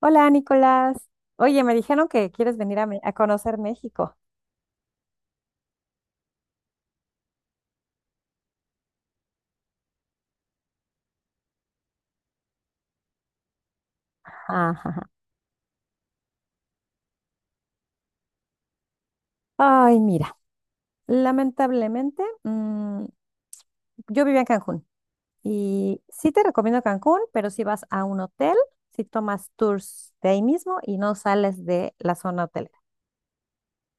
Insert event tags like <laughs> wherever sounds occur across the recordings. Hola, Nicolás. Oye, me dijeron que quieres venir a conocer México. Ajá. Ay, mira, lamentablemente, yo vivía en Cancún y sí te recomiendo Cancún, pero si vas a un hotel, si tomas tours de ahí mismo y no sales de la zona hotelera,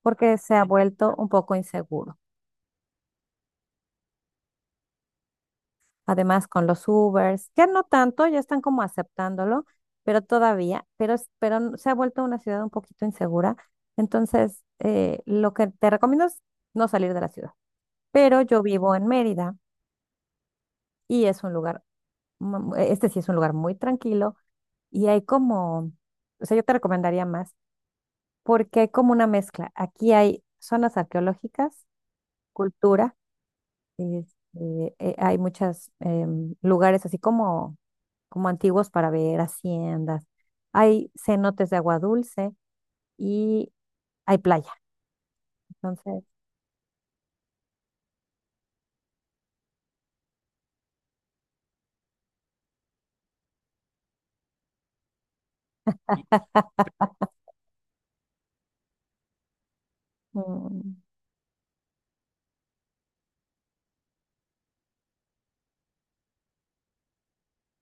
porque se ha vuelto un poco inseguro. Además, con los Ubers, ya no tanto, ya están como aceptándolo, pero todavía, se ha vuelto una ciudad un poquito insegura. Entonces, lo que te recomiendo es no salir de la ciudad. Pero yo vivo en Mérida y es un lugar, este sí es un lugar muy tranquilo y hay como, o sea, yo te recomendaría más porque hay como una mezcla. Aquí hay zonas arqueológicas, cultura. Hay muchos lugares así como antiguos para ver haciendas. Hay cenotes de agua dulce y hay playa. Entonces, mm,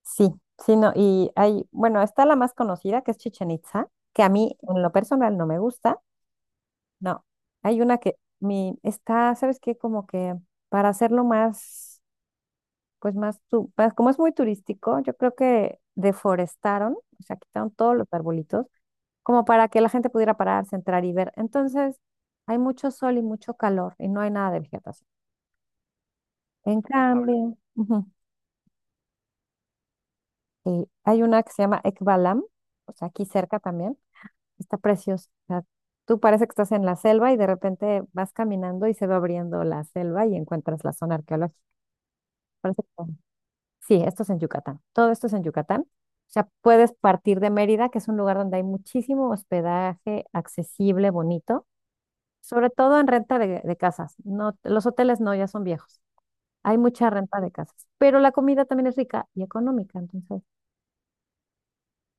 sí, sí, no. Y hay, bueno, está la más conocida que es Chichen Itza, que a mí en lo personal no me gusta. No, hay una está, ¿sabes qué? Como que para hacerlo más, pues más, tu- más- como es muy turístico, yo creo que deforestaron, o sea, quitaron todos los arbolitos como para que la gente pudiera pararse, entrar y ver. Entonces, hay mucho sol y mucho calor y no hay nada de vegetación. En cambio, ujú, hay una que se llama Ekbalam, o sea, aquí cerca también, está preciosa. O sea, tú parece que estás en la selva y de repente vas caminando y se va abriendo la selva y encuentras la zona arqueológica. Parece que- Sí, esto es en Yucatán. Todo esto es en Yucatán. O sea, puedes partir de Mérida, que es un lugar donde hay muchísimo hospedaje accesible, bonito sobre todo en renta de casas. No, los hoteles no, ya son viejos. Hay mucha renta de casas, pero la comida también es rica y económica, entonces.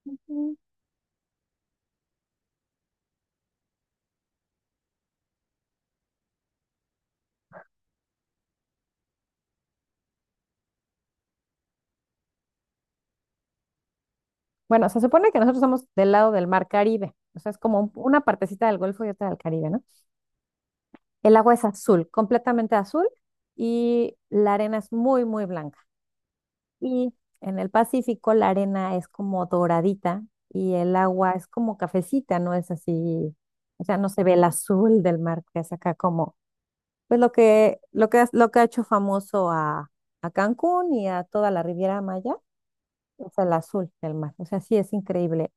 Mm. Bueno, se supone que nosotros somos del lado del mar Caribe, o sea, es como una partecita del Golfo y otra del Caribe, ¿no? El agua es azul, completamente azul, y la arena es muy, muy blanca. Y en el Pacífico la arena es como doradita y el agua es como cafecita, no es así, o sea, no se ve el azul del mar, que es acá como. Pues lo que ha hecho famoso a Cancún y a toda la Riviera Maya es el azul del mar. O sea, sí es increíble.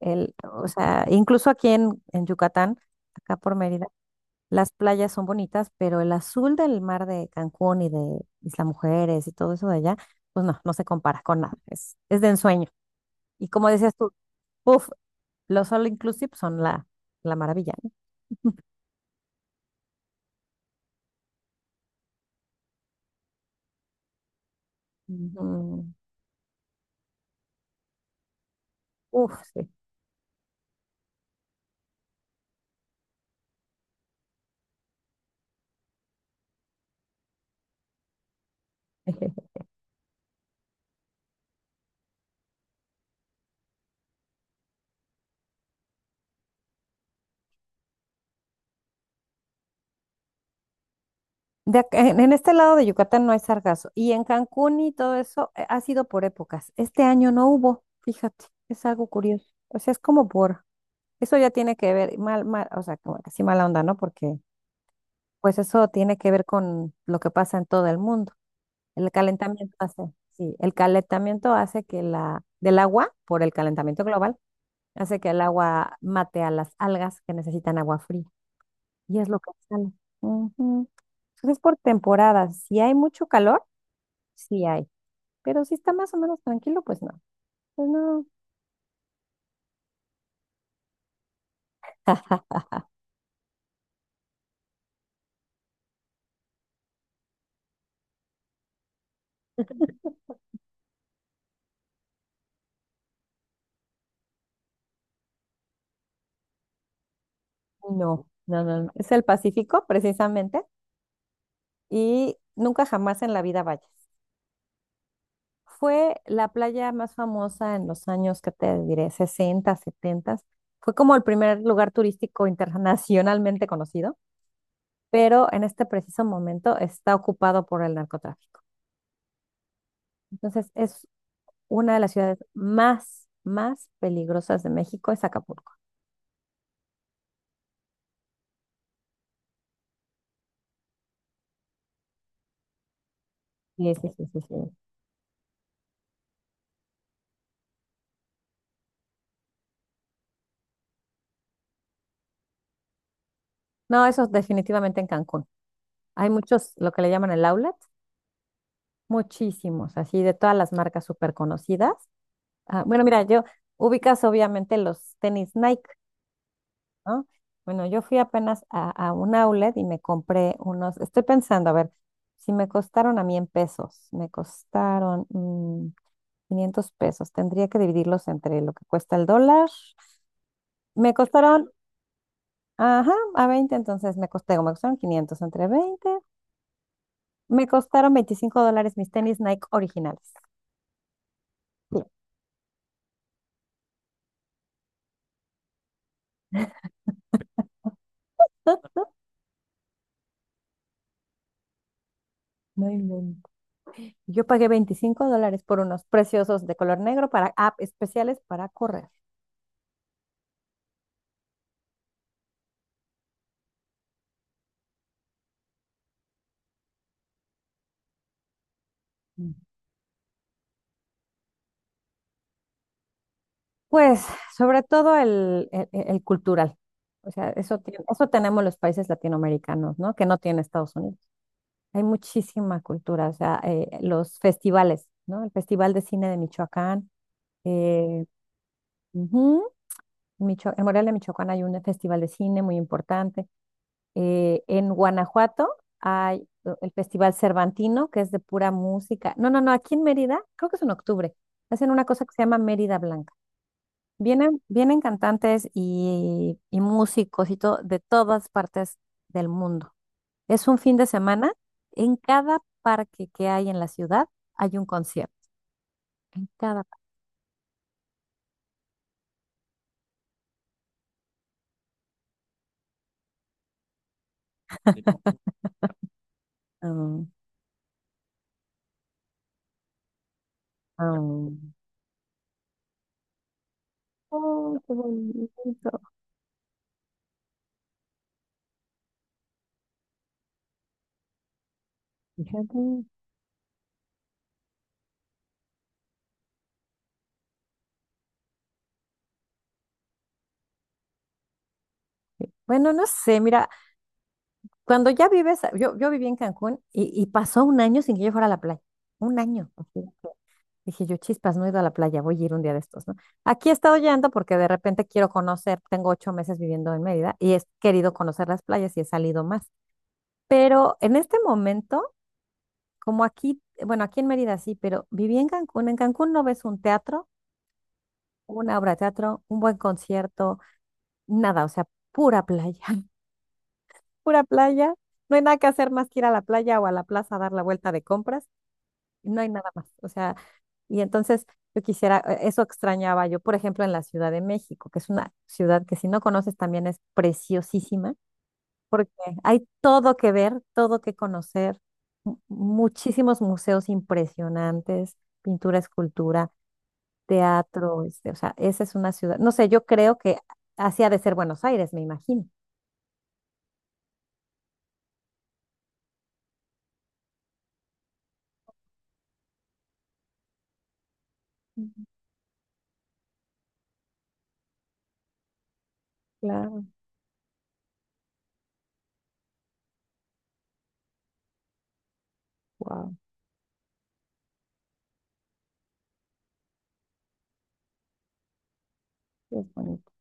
O sea, incluso aquí en Yucatán, acá por Mérida, las playas son bonitas, pero el azul del mar de Cancún y de Isla Mujeres y todo eso de allá, pues no, no se compara con nada. Es de ensueño. Y como decías tú, uff, los all inclusive son la maravilla, ¿no? Ujú. Uf, sí. <laughs> De ac- en este lado de Yucatán no hay sargazo. Y en Cancún y todo eso ha sido por épocas. Este año no hubo, fíjate, es algo curioso. O sea, eso ya tiene que ver, mal, mal, o sea, como que sí mala onda, ¿no? Porque pues eso tiene que ver con lo que pasa en todo el mundo. El calentamiento hace, sí, el calentamiento hace que del agua, por el calentamiento global, hace que el agua mate a las algas que necesitan agua fría. Y es lo que sale. Ujú. Entonces es por temporadas. Si hay mucho calor, sí hay, pero si está más o menos tranquilo, pues no. Pues no. <laughs> No, no, no, no. Es el Pacífico, precisamente, y nunca jamás en la vida vayas. Fue la playa más famosa en los años, ¿que te diré? 60, 70. Fue como el primer lugar turístico internacionalmente conocido, pero en este preciso momento está ocupado por el narcotráfico. Entonces, es una de las ciudades más, más peligrosas de México, es Acapulco. Sí, sí, sí, sí, sí. No, eso es definitivamente en Cancún. Hay muchos, lo que le llaman el outlet, muchísimos, así de todas las marcas súper conocidas. Ah, bueno, mira, yo ubicas obviamente los tenis Nike, ¿no? Bueno, yo fui apenas a un outlet y me compré unos, estoy pensando, a ver, si me costaron a mí en pesos, me costaron 500 pesos, tendría que dividirlos entre lo que cuesta el dólar. Me costaron, ajá, a 20, entonces me costaron 500 entre 20. Me costaron $25 mis tenis Nike originales. Sí. No inventes. Yo pagué $25 por unos preciosos de color negro para app especiales para correr. Mm. Pues sobre todo el cultural. O sea, eso tenemos los países latinoamericanos, ¿no? Que no tiene Estados Unidos. Hay muchísima cultura, o sea, los festivales, ¿no? El Festival de Cine de Michoacán. eh, Ujú. En Morelia, Michoacán hay un festival de cine muy importante. En Guanajuato hay el Festival Cervantino, que es de pura música. No, no, no, aquí en Mérida, creo que es en octubre, hacen una cosa que se llama Mérida Blanca. Vienen cantantes y músicos y todo de todas partes del mundo. Es un fin de semana. En cada parque que hay en la ciudad hay un concierto. En cada parque. Mm, mm. Oh, qué bonito. Fíjate. Bueno, no sé, mira, cuando ya vives, yo viví en Cancún y pasó un año sin que yo fuera a la playa. Un año. Ujú. Dije yo, chispas, no he ido a la playa, voy a ir un día de estos, ¿no? Aquí he estado yendo porque de repente quiero conocer, tengo 8 meses viviendo en Mérida y he querido conocer las playas y he salido más. Pero en este momento, como aquí, bueno, aquí en Mérida sí, pero viví en Cancún. En Cancún no ves un teatro, una obra de teatro, un buen concierto, nada, o sea, pura playa, <laughs> pura playa. No hay nada que hacer más que ir a la playa o a la plaza a dar la vuelta de compras. No hay nada más. O sea, y entonces yo quisiera, eso extrañaba yo, por ejemplo, en la Ciudad de México, que es una ciudad que si no conoces también es preciosísima, porque hay todo que ver, todo que conocer, muchísimos museos impresionantes, pintura, escultura, teatro, o sea, esa es una ciudad, no sé, yo creo que así ha de ser Buenos Aires, me imagino. Ujú. Claro. Wow, es bonito.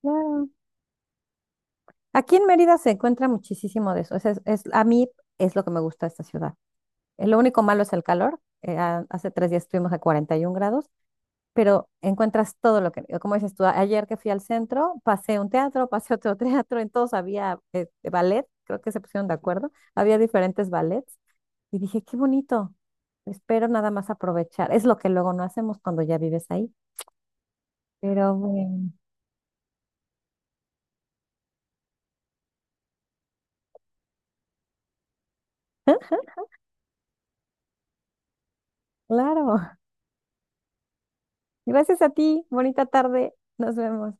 Claro. Aquí en Mérida se encuentra muchísimo de eso. O sea, a mí es lo que me gusta de esta ciudad. Lo único malo es el calor. Hace 3 días estuvimos a 41 grados, pero encuentras todo lo que, como dices tú, ayer que fui al centro, pasé un teatro, <laughs> pasé otro teatro, en todos había ballet, creo que se pusieron de acuerdo, había diferentes ballets y dije, qué bonito, espero nada más aprovechar. Es lo que luego no hacemos cuando ya vives ahí. Pero bueno, claro, <laughs> gracias a ti, bonita tarde, nos vemos.